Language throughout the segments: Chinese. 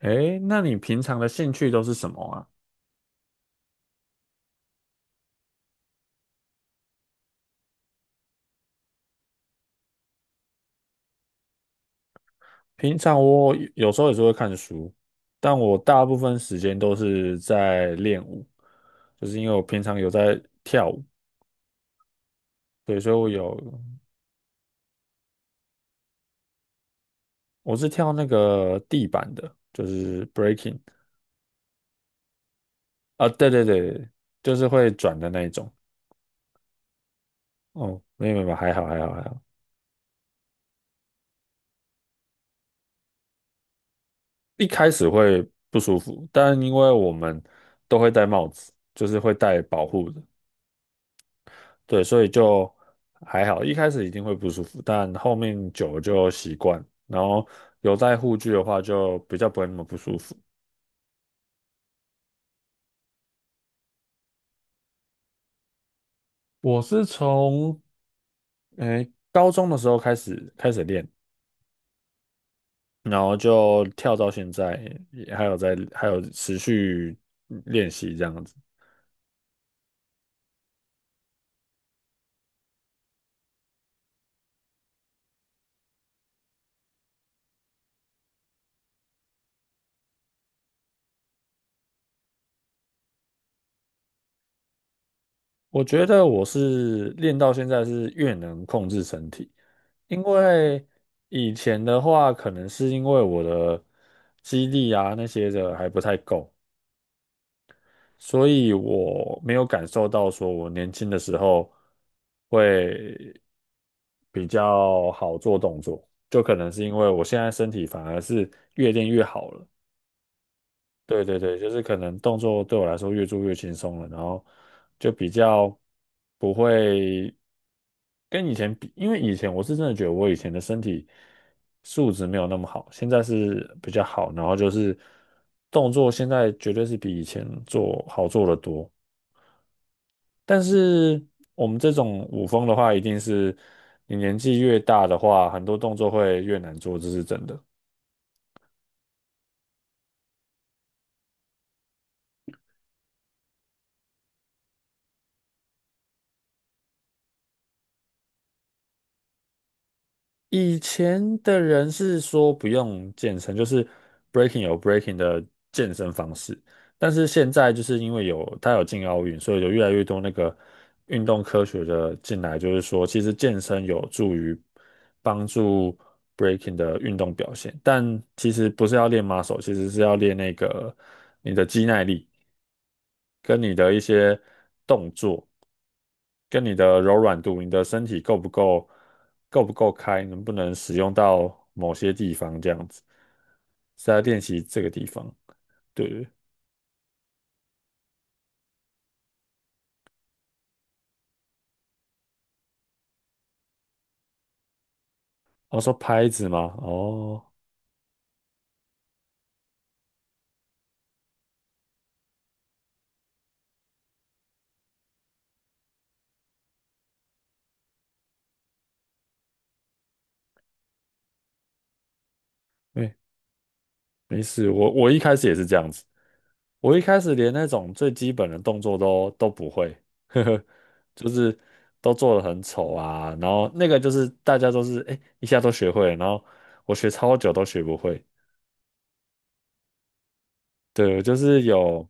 诶，那你平常的兴趣都是什么啊？平常我时候也是会看书，但我大部分时间都是在练舞，就是因为我平常有在跳舞。对，所以我有我是跳那个地板的，就是 breaking 啊。对对对，就是会转的那一种。哦，没有，没有还好还好还好。一开始会不舒服，但因为我们都会戴帽子，就是会戴保护的。对，所以就还好，一开始一定会不舒服，但后面久了就习惯，然后有戴护具的话就比较不会那么不舒服。我是从诶高中的时候开始练，然后就跳到现在，也还有在还有持续练习这样子。我觉得我是练到现在是越能控制身体，因为以前的话可能是因为我的肌力啊那些的还不太够。所以我没有感受到说我年轻的时候会比较好做动作，就可能是因为我现在身体反而是越练越好了。对对对，就是可能动作对我来说越做越轻松了，然后就比较不会跟以前比，因为以前我是真的觉得我以前的身体素质没有那么好，现在是比较好，然后就是动作现在绝对是比以前做好做得多。但是我们这种舞风的话，一定是你年纪越大的话，很多动作会越难做，这是真的。以前的人是说不用健身，就是 breaking 有 breaking 的健身方式，但是现在就是因为它有进奥运，所以有越来越多那个运动科学的进来，就是说其实健身有助于帮助 breaking 的运动表现，但其实不是要练 muscle，其实是要练那个你的肌耐力跟你的一些。跟你的柔软度、你的身体够不够、够不够开，能不能使用到某些地方这样子，是在练习这个地方。对，我、说拍子吗？哦，没没事，我一开始也是这样子，我一开始连那种最基本的动作都不会，呵呵，就是都做得很丑啊，然后那个就是大家都是哎、诶一下都学会了，然后我学超久都学不会。对，我就是有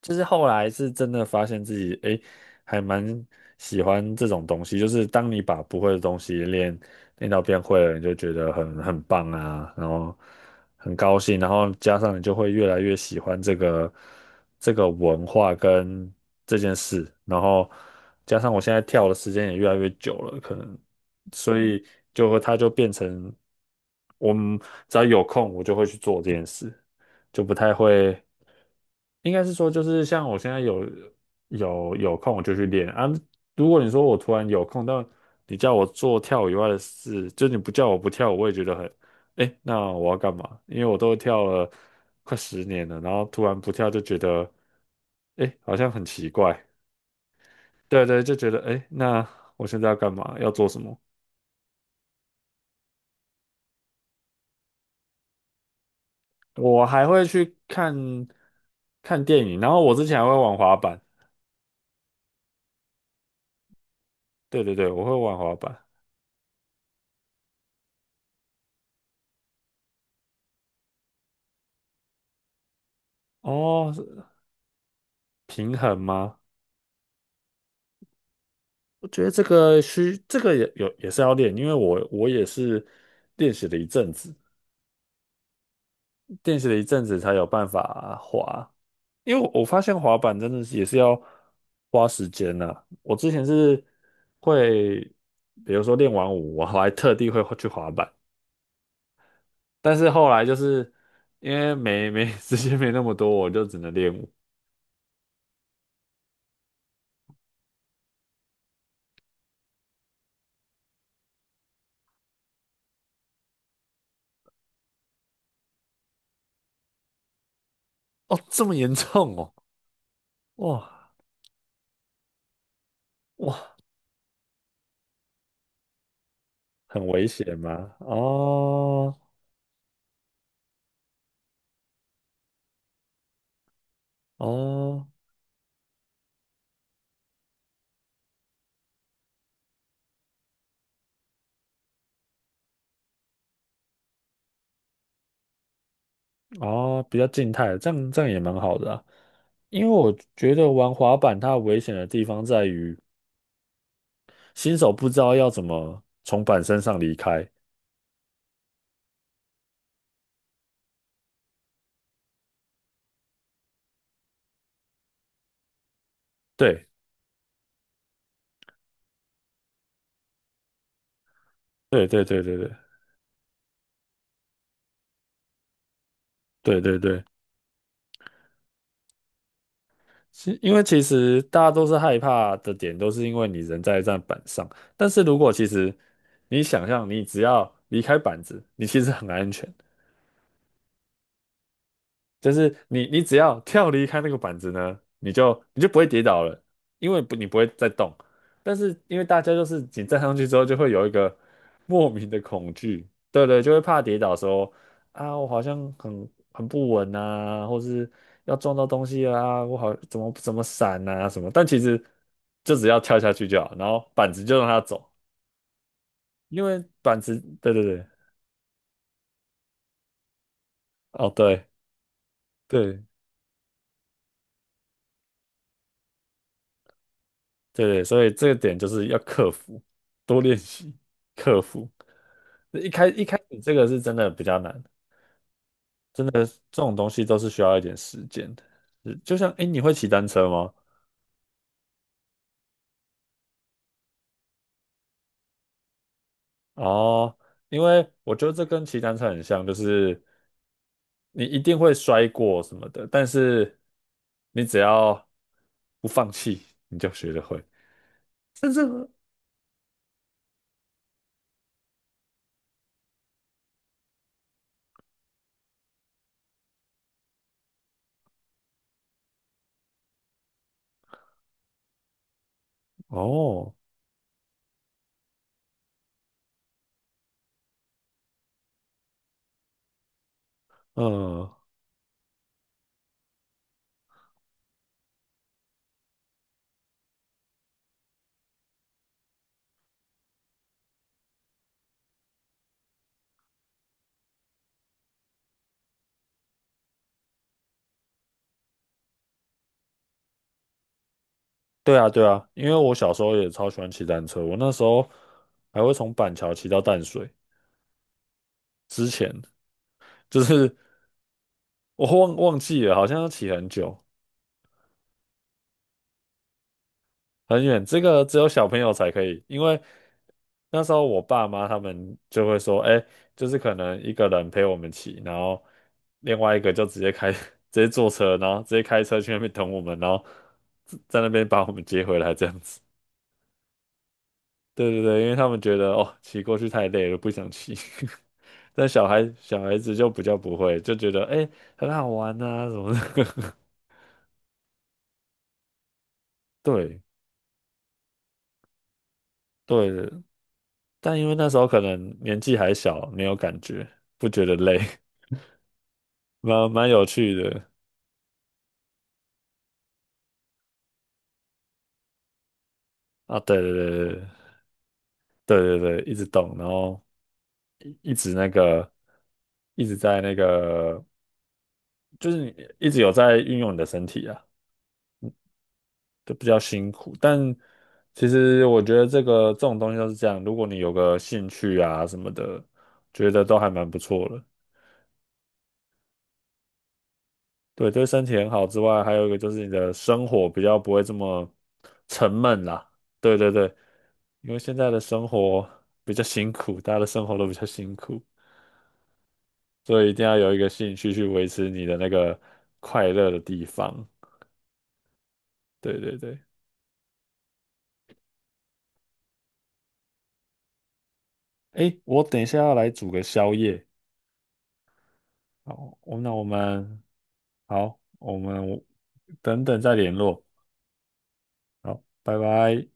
就是后来是真的发现自己，诶，还蛮喜欢这种东西。就是当你把不会的东西练到变会了，你就觉得很棒啊，然后很高兴，然后加上你就会越来越喜欢这个文化跟这件事，然后加上我现在跳的时间也越来越久了，可能所以就会它就变成我们只要有空，我就会去做这件事。就不太会。应该是说，就是像我现在有空，我就去练啊。如果你说我突然有空，但你叫我做跳舞以外的事，就你不叫我不跳舞，我也觉得很，哎，那我要干嘛？因为我都跳了快10年了，然后突然不跳就觉得，哎，好像很奇怪。对对，就觉得，哎，那我现在要干嘛？要做什么？我还会去看看电影，然后我之前还会玩滑板。对对对，我会玩滑板。哦，是平衡吗？我觉得这个需这个也有也是要练，因为我也是练习了一阵子，练习了一阵子才有办法滑，因为我发现滑板真的是也是要花时间呐、我之前是会，比如说练完舞，我还特地会去滑板，但是后来就是因为没 时间没那么多，我就只能练舞。哦，这么严重哦。哇哇，很危险吗？哦哦。哦，比较静态，这样这样也蛮好的啊。因为我觉得玩滑板它危险的地方在于，新手不知道要怎么从板身上离开。对，对，对，对，对，对，对，对，对。其因为其实大家都是害怕的点，都是因为你人在一站板上。但是如果其实你想象，你只要离开板子，你其实很安全。就是你只要跳离开那个板子呢，你就不会跌倒了，因为不你不会再动。但是因为大家就是你站上去之后，就会有一个莫名的恐惧，对对，就会怕跌倒说啊，我好像很不稳啊，或是要撞到东西啊，我好怎么闪啊什么。但其实就只要跳下去就好，然后板子就让它走，因为板子，对对对，哦对。对对对，所以这个点就是要克服，多练习，克服。一开始这个是真的比较难，这种东西都是需要一点时间的。是就像，诶，你会骑单车吗？哦，因为我觉得这跟骑单车很像，就是你一定会摔过什么的，但是你只要不放弃，你就学得会。甚至哦，嗯，对啊，对啊，因为我小时候也超喜欢骑单车，我那时候还会从板桥骑到淡水。之前，就是我忘记了，好像要骑很久很远。这个只有小朋友才可以，因为那时候我爸妈他们就会说，哎，就是可能一个人陪我们骑，然后另外一个就直接开 直接坐车，然后直接开车去那边等我们，然后在那边把我们接回来这样子。对对对，因为他们觉得哦，骑过去太累了，不想骑。但小孩子就比较不会，就觉得哎、很好玩啊什么的。对对，但因为那时候可能年纪还小，没有感觉，不觉得累，蛮有趣的啊！对对对对对对，对一直动，然后一直那个，一直在那个，就是你一直有在运用你的身体啊，就比较辛苦。但其实我觉得这种东西都是这样，如果你有个兴趣啊什么的，觉得都还蛮不错的。对，对身体很好之外，还有一个就是你的生活比较不会这么沉闷啦。对对对，因为现在的生活比较辛苦，大家的生活都比较辛苦，所以一定要有一个兴趣去维持你的那个快乐的地方。对对对，诶，我等一下要来煮个宵夜，好，我那我们好，我们等等再联络，好，拜拜。